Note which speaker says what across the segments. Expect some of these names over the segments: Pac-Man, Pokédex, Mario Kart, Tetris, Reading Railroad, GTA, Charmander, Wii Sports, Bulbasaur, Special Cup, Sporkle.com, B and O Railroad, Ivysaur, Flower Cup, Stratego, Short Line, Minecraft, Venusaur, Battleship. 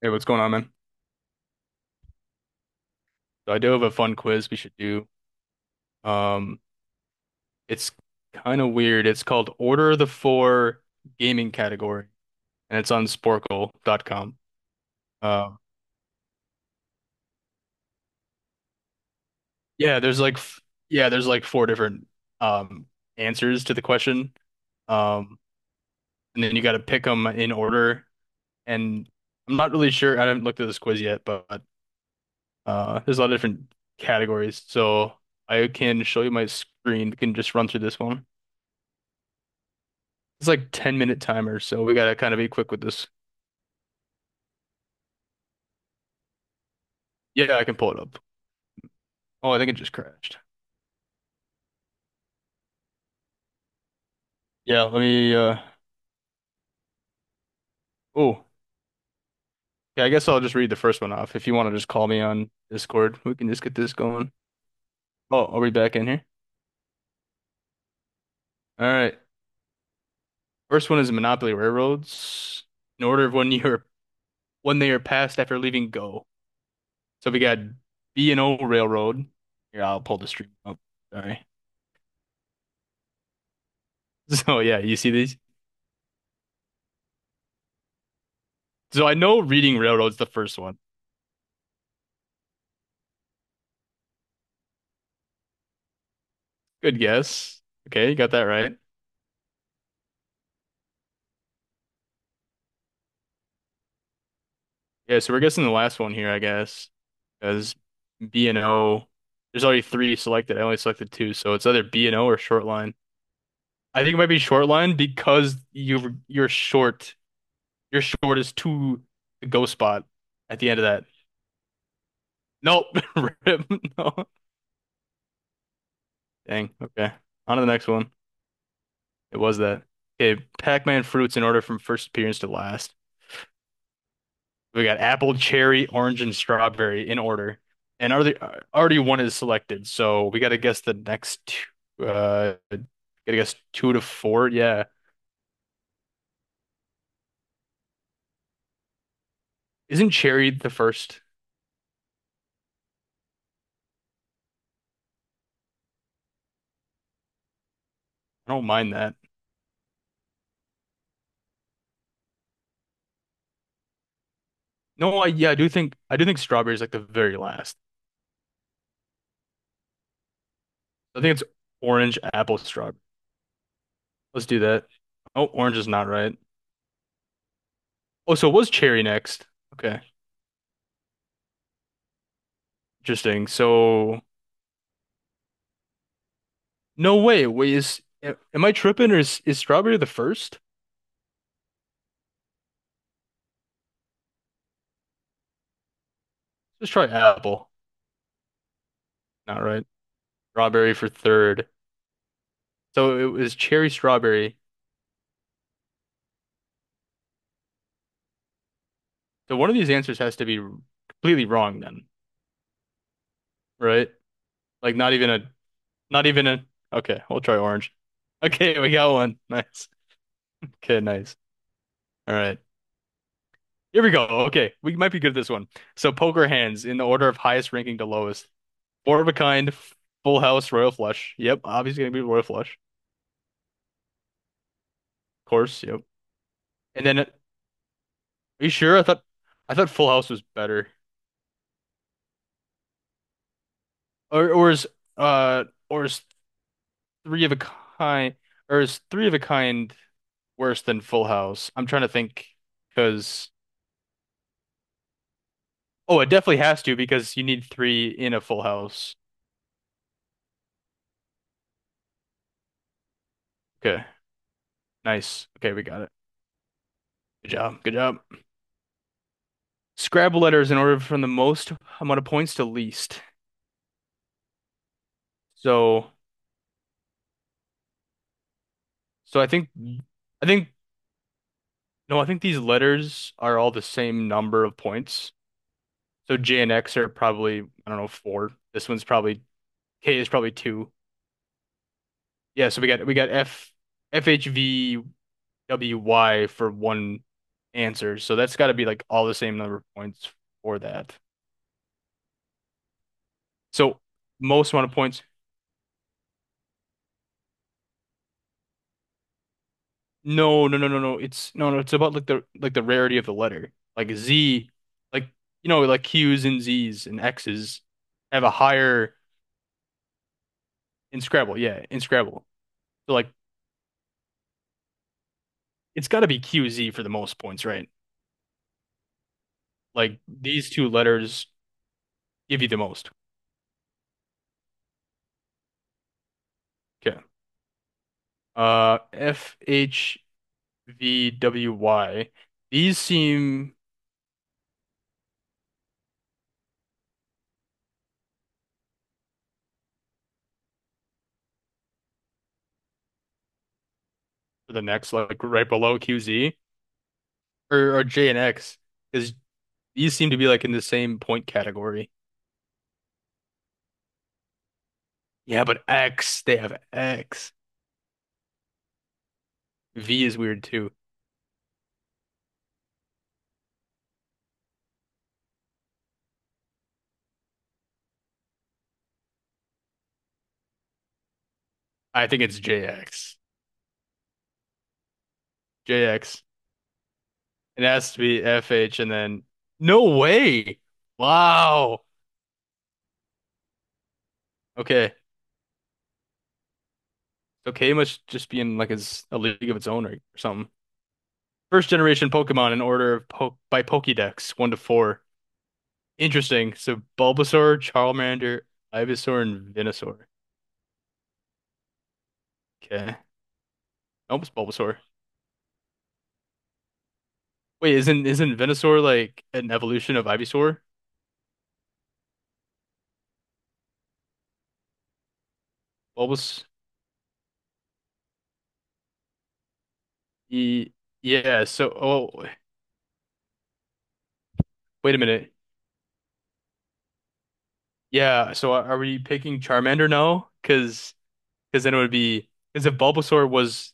Speaker 1: Hey, what's going on, man? So I do have a fun quiz we should do. Um, it's kind of weird. It's called Order of the Four Gaming Category, and it's on Sporkle.com. Uh, yeah, there's like there's like four different um answers to the question. Um, and then you got to pick them in order. And I'm not really sure. I haven't looked at this quiz yet, but there's a lot of different categories. So I can show you my screen. We can just run through this one. It's like 10-minute timer, so we gotta kind of be quick with this. Yeah, I can pull it up. Oh, I think it just crashed. Yeah, let me oh. Yeah, I guess I'll just read the first one off. If you want to just call me on Discord, we can just get this going. Oh, are we back in here? All right. First one is Monopoly Railroads. In order of when they are passed after leaving Go. So we got B&O Railroad. Here, I'll pull the stream up. Sorry. So yeah, you see these? So I know reading railroads the first one. Good guess. Okay, you got that right. Yeah, so we're guessing the last one here, I guess, because B&O, there's already three selected. I only selected two, so it's either B&O or short line. I think it might be short line because you're short. Your short is to the go spot at the end of that. Nope. Rip. No. Dang. Okay. On to the next one. It was that. Okay. Pac-Man fruits in order from first appearance to last. We got apple, cherry, orange, and strawberry in order. And already one is selected. So we got to guess the next two. Gotta guess two to four. Yeah. Isn't cherry the first? I don't mind that. No, yeah, I do think strawberry is like the very last. I think it's orange, apple, strawberry. Let's do that. Oh, orange is not right. Oh, so it was cherry next. Okay. Interesting. So, no way. Wait, am I tripping or is strawberry the first? Let's try apple. Not right. Strawberry for third. So it was cherry strawberry. So one of these answers has to be completely wrong then, right? Like not even a not even a okay, we'll try orange. Okay, we got one. Nice. Okay, nice. All right. Here we go. Okay, we might be good at this one. So poker hands in the order of highest ranking to lowest. Four of a kind, full house, royal flush. Yep, obviously gonna be royal flush. Of course, yep. And then are you sure? I thought full house was better. Or is or is three of a kind, or is three of a kind worse than Full House? I'm trying to think because oh, it definitely has to because you need three in a Full House. Okay, nice. Okay, we got it. Good job. Good job. Scrabble letters in order from the most amount of points to least. So, so, I think no, I think these letters are all the same number of points. So J and X are probably, I don't know, four. This one's probably K is probably two. Yeah, so we got F, FHV. WY for one answer. So that's got to be like all the same number of points for that. So most amount of points. No, no, no, no, no. It's no, no. It's about like the rarity of the letter. Like Z, like, like Q's and Z's and X's have a higher in Scrabble. Yeah, in Scrabble. So like it's got to be QZ for the most points, right? Like these two letters give you the most. Okay. F H V W Y. These seem the next, like right below QZ or J and X, because these seem to be like in the same point category. Yeah, but X, they have X. V is weird too. I think it's JX. JX. It has to be FH and then no way. Wow. Okay. So K must just be in like his a league of its own or something. First generation Pokemon in order of po by Pokédex, one to four. Interesting. So Bulbasaur, Charmander, Ivysaur, and Venusaur. Okay. Almost Bulbasaur. Wait, isn't Venusaur like an evolution of Ivysaur? Bulbas e yeah, so, oh, wait a minute. Yeah, so are we picking Charmander now? Cause then it would be because if Bulbasaur was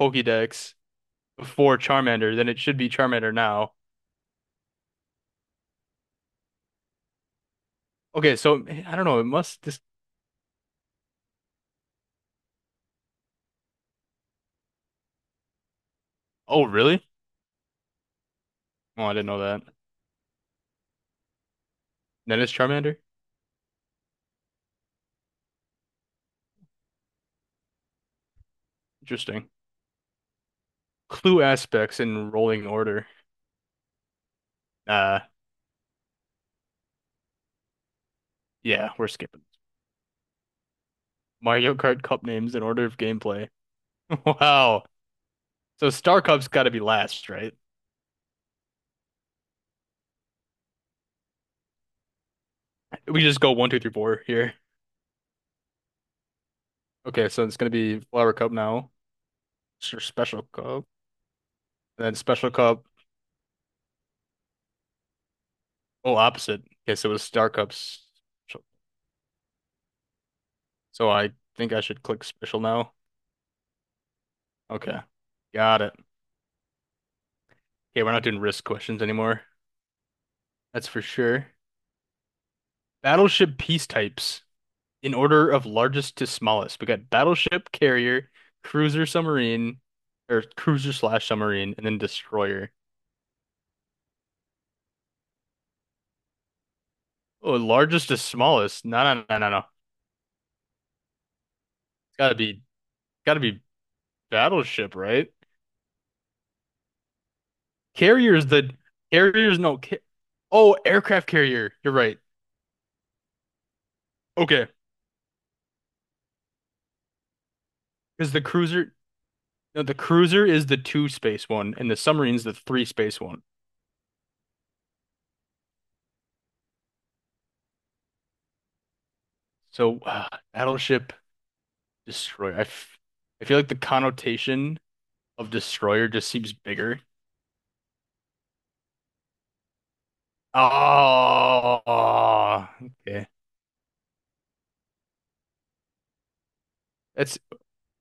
Speaker 1: Pokédex before Charmander, then it should be Charmander now. Okay, so I don't know. It must this Oh, really? Oh, I didn't know that. Then it's Charmander? Interesting. Clue aspects in rolling order. Uh yeah, we're skipping. Mario Kart Cup names in order of gameplay. Wow. So Star Cup's got to be last, right? We just go one, two, three, four here. Okay, so it's gonna be Flower Cup now. It's your Special Cup, and then Special Cup. Oh, opposite. Okay, so it was Star Cup's Special. So I think I should click Special now. Okay, got it. Okay, we're not doing risk questions anymore. That's for sure. Battleship piece types in order of largest to smallest. We got battleship, carrier, cruiser, submarine, or cruiser slash submarine, and then destroyer. Oh, largest to smallest. No, no, no, no, no. It's gotta be gotta be battleship, right? Carrier's the carrier's no ca Oh, aircraft carrier. You're right. Okay. Because the cruiser no, the cruiser is the two space one and the submarine's the three space one. So battleship destroyer. I feel like the connotation of destroyer just seems bigger. Oh, okay. That's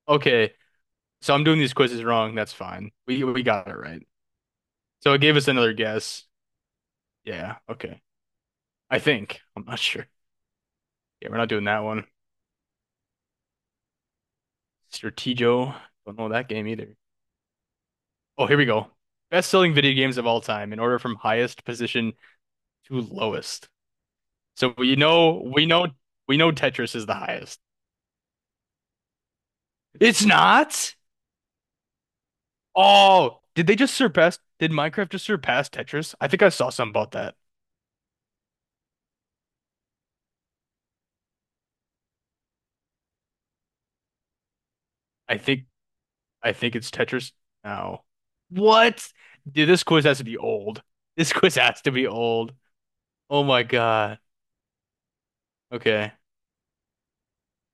Speaker 1: okay. So I'm doing these quizzes wrong. That's fine. We got it right. So it gave us another guess. Yeah, okay. I think. I'm not sure. Yeah, we're not doing that one. Stratego. Don't know that game either. Oh, here we go. Best-selling video games of all time in order from highest position to lowest. So we know Tetris is the highest. It's not? Oh, did Minecraft just surpass Tetris? I think I saw something about that. I think I think it's Tetris now. What? Dude, this quiz has to be old. This quiz has to be old. Oh my God. Okay.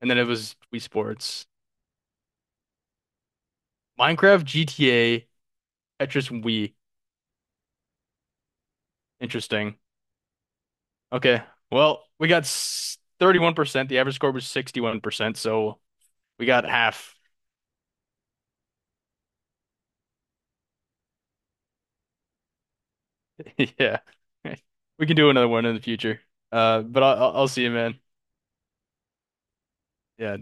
Speaker 1: And then it was Wii Sports. Minecraft, GTA, Tetris, and Wii. Interesting. Okay. Well, we got 31%. The average score was 61%, so we got half. Yeah. We can do another one in the future. But I'll see you, man. Yeah.